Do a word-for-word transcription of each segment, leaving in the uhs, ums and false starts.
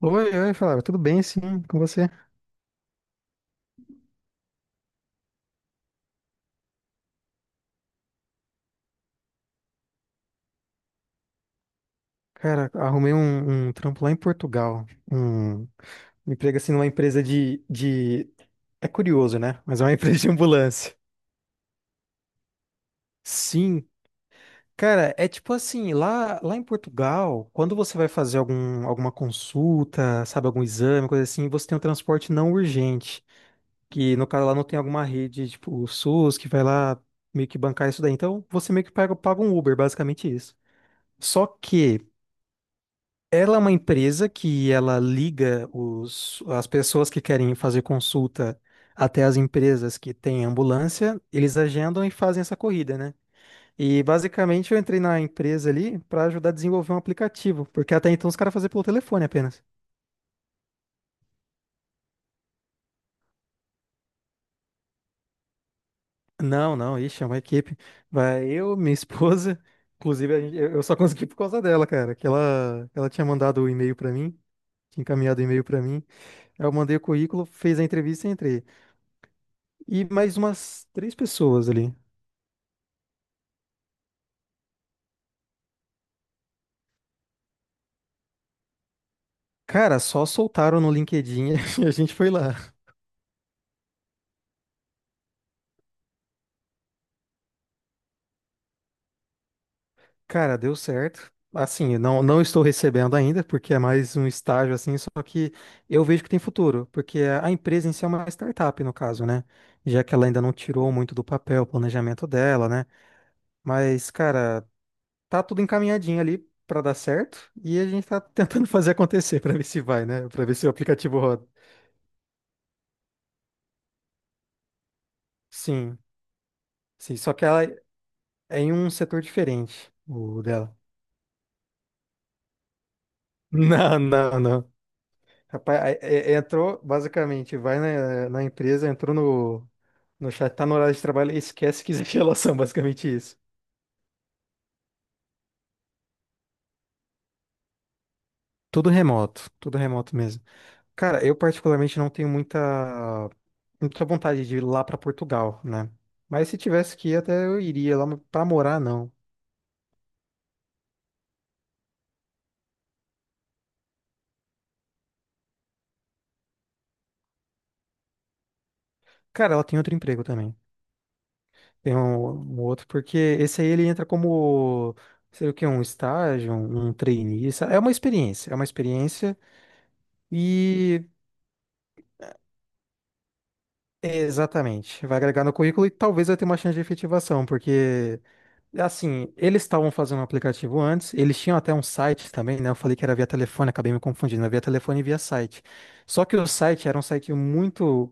Oi, oi, Flávio, tudo bem sim com você? Cara, arrumei um, um trampo lá em Portugal. Um um emprego assim numa empresa de, de. É curioso, né? Mas é uma empresa de ambulância. Sim, cara, é tipo assim, lá, lá em Portugal, quando você vai fazer algum, alguma consulta, sabe, algum exame, coisa assim, você tem um transporte não urgente. Que no caso lá não tem alguma rede, tipo, o SUS, que vai lá meio que bancar isso daí. Então, você meio que paga, paga um Uber, basicamente isso. Só que. Ela é uma empresa que ela liga os, as pessoas que querem fazer consulta até as empresas que têm ambulância, eles agendam e fazem essa corrida, né? E basicamente eu entrei na empresa ali para ajudar a desenvolver um aplicativo, porque até então os caras faziam pelo telefone apenas. Não, não, ixi, é uma equipe. Vai eu, minha esposa, inclusive a gente- eu eu só consegui por causa dela, cara, que ela, ela tinha mandado o e-mail para mim, tinha encaminhado o e-mail para mim. Eu mandei o currículo, fez a entrevista e entrei. E mais umas três pessoas ali. Cara, só soltaram no LinkedIn e a gente foi lá. Cara, deu certo. Assim, não, não estou recebendo ainda, porque é mais um estágio assim, só que eu vejo que tem futuro, porque a empresa em si é uma startup, no caso, né? Já que ela ainda não tirou muito do papel o planejamento dela, né? Mas, cara, tá tudo encaminhadinho ali pra dar certo e a gente tá tentando fazer acontecer pra ver se vai, né? Pra ver se o aplicativo roda. Sim, sim. Só que ela, É em um setor diferente, o dela. Não, não, não. Rapaz, aí, é- é- entrou, basicamente, vai na, na empresa, entrou no, no chat, tá no horário de trabalho e esquece que existe relação, basicamente isso. Tudo remoto, tudo remoto mesmo. Cara, eu particularmente não tenho muita, muita vontade de ir lá pra Portugal, né? Mas se tivesse que ir até eu iria lá, mas pra morar não. Cara, ela tem outro emprego também. Tem um, um outro, porque esse aí ele entra como, sei lá o que, um estágio, um, um trainee. sa- É uma experiência, é uma experiência e é, exatamente. Vai agregar no currículo e talvez vai ter uma chance de efetivação, porque assim, eles estavam fazendo um aplicativo antes, eles tinham até um site também, né? Eu falei que era via telefone, acabei me confundindo, é via telefone e via site. Só que o site era um site muito,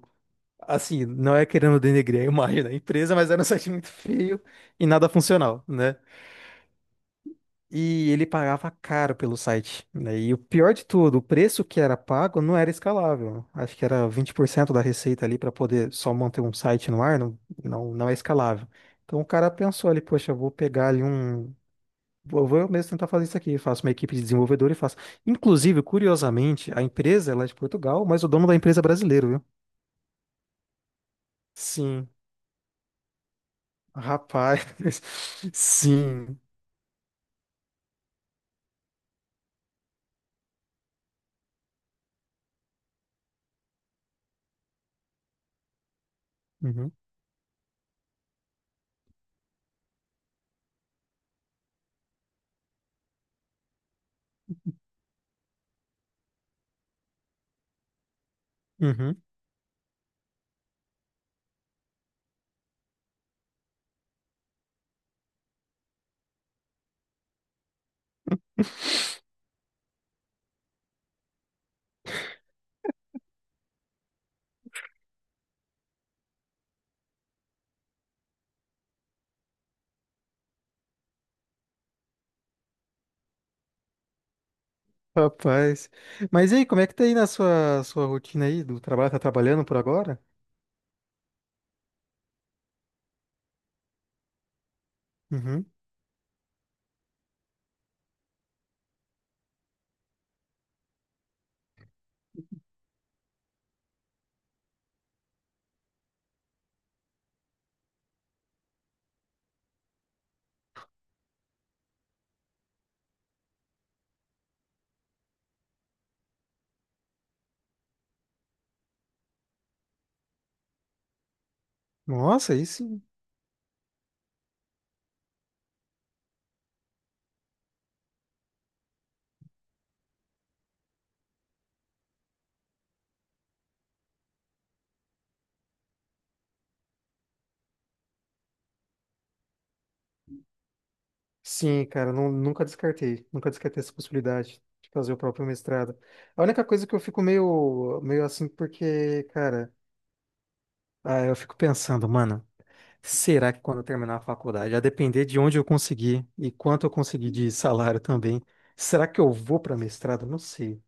assim, não é querendo denegrir a imagem da empresa, mas era um site muito feio e nada funcional, né? E ele pagava caro pelo site, né? E o pior de tudo, o preço que era pago não era escalável. Acho que era vinte por cento da receita ali para poder só manter um site no ar, não, não, não é escalável. Então o cara pensou ali, poxa, eu vou pegar ali um. Vou vou eu mesmo tentar fazer isso aqui. Faço uma equipe de desenvolvedor e faço. Inclusive, curiosamente, a empresa ela é de Portugal, mas o dono da empresa é brasileiro, viu? Sim, rapaz. Sim. Uhum. Uhum. Rapaz. Mas e aí, como é que tá aí na sua, sua rotina aí do trabalho? Tá trabalhando por agora? Uhum. Nossa, aí sim. Sim, cara, nu- nunca descartei. Nunca descartei essa possibilidade de fazer o próprio mestrado. A única coisa que eu fico meio, meio assim, porque, cara, ah, eu fico pensando, mano, será que quando eu terminar a faculdade, a depender de onde eu conseguir e quanto eu conseguir de salário também, será que eu vou para mestrado? Não sei.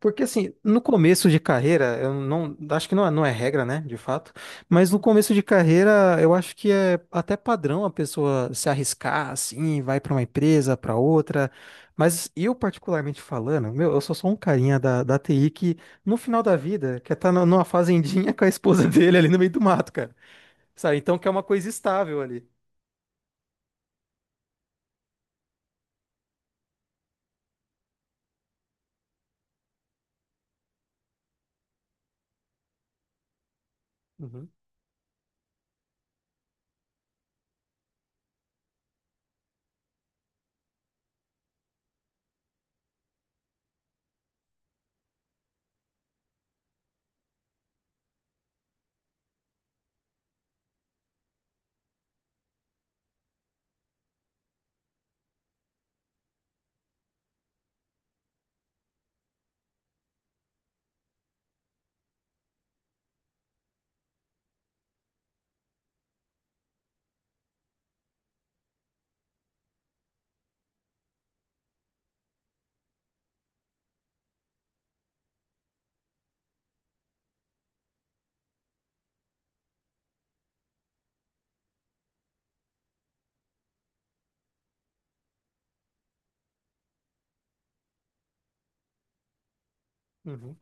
Porque assim, no começo de carreira, eu não, acho que não é, não é regra, né, de fato, mas no começo de carreira, eu acho que é até padrão a pessoa se arriscar assim, vai para uma empresa, para outra. Mas eu particularmente falando, meu, eu sou só um carinha da, da T I que no final da vida quer estar numa fazendinha com a esposa dele ali no meio do mato, cara. Sabe? Então quer uma coisa estável ali. Uhum, uhum,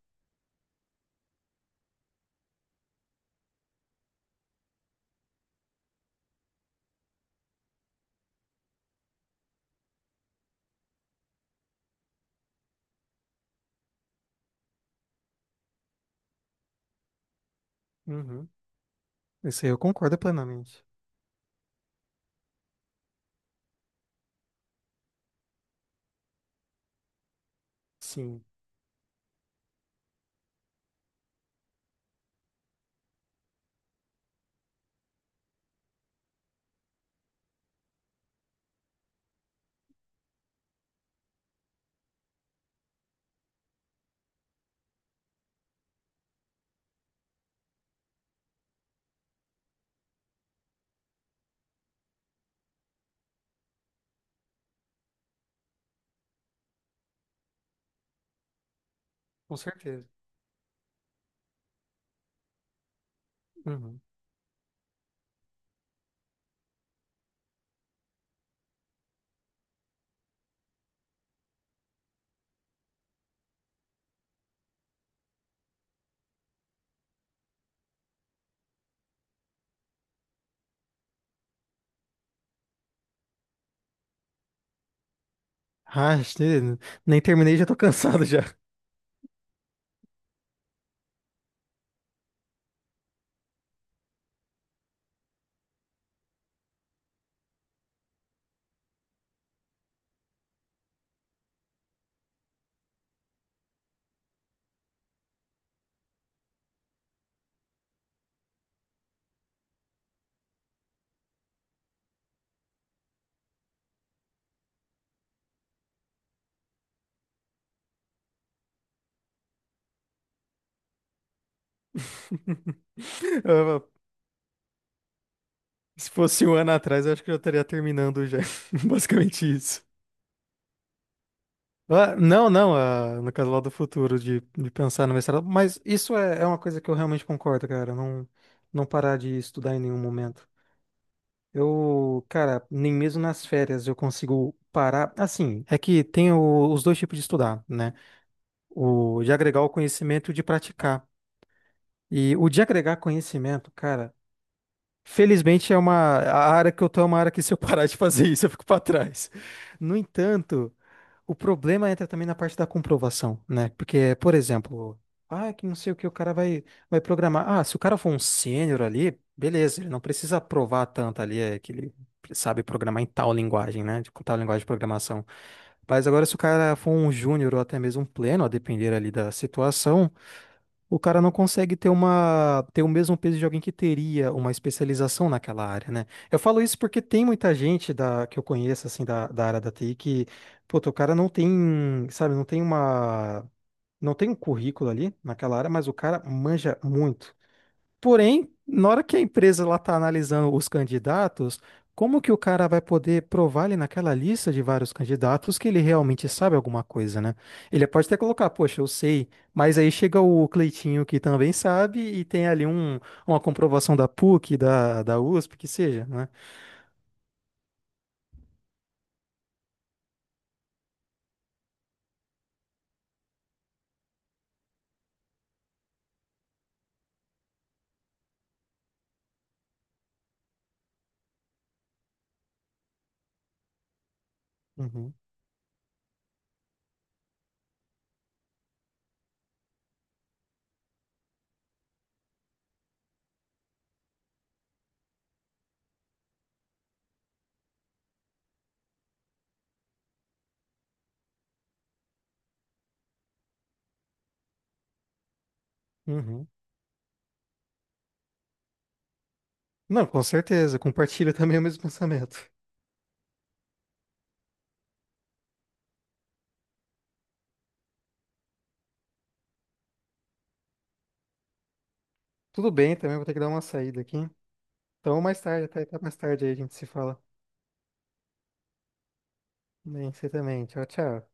uhum. Isso aí eu concordo plenamente. Sim. Com certeza. Uhum. Ah, nem terminei, já tô cansado já. Eu- Se fosse um ano atrás, eu acho que eu já estaria terminando já. Basicamente isso. Ah, não, não, ah, no caso lá do futuro, de, de pensar no mestrado. Mas isso é, é uma coisa que eu realmente concordo, cara. Não, não parar de estudar em nenhum momento. Eu, cara, nem mesmo nas férias eu consigo parar. Assim, é que tem o- os dois tipos de estudar, né? O de agregar o conhecimento e de praticar. E o de agregar conhecimento, cara, felizmente é uma a área que eu tô é uma área que se eu parar de fazer isso, eu fico para trás. No entanto, o problema entra também na parte da comprovação, né? Porque, por exemplo, ah, que não sei o que o cara vai vai programar. Ah, se o cara for um sênior ali, beleza, ele não precisa provar tanto ali é, que ele sabe programar em tal linguagem, né? De tal linguagem de programação. Mas agora, se o cara for um júnior ou até mesmo um pleno, a depender ali da situação, o cara não consegue ter uma, ter o mesmo peso de alguém que teria uma especialização naquela área, né? Eu falo isso porque tem muita gente da, que eu conheço, assim, da, da área da T I que, puta, o cara não tem, sabe, não tem uma, não tem um currículo ali naquela área, mas o cara manja muito. Porém, na hora que a empresa lá está analisando os candidatos, como que o cara vai poder provar ali naquela lista de vários candidatos que ele realmente sabe alguma coisa, né? Ele pode até colocar, poxa, eu sei, mas aí chega o Cleitinho que também sabe e tem ali um, uma comprovação da PUC, da, da U S P, que seja, né? Uhum, uhum. Não, com certeza, compartilho também o mesmo pensamento. Tudo bem, também vou ter que dar uma saída aqui. Então, mais tarde, até, até mais tarde aí a gente se fala. Bem, você também. Tchau, tchau.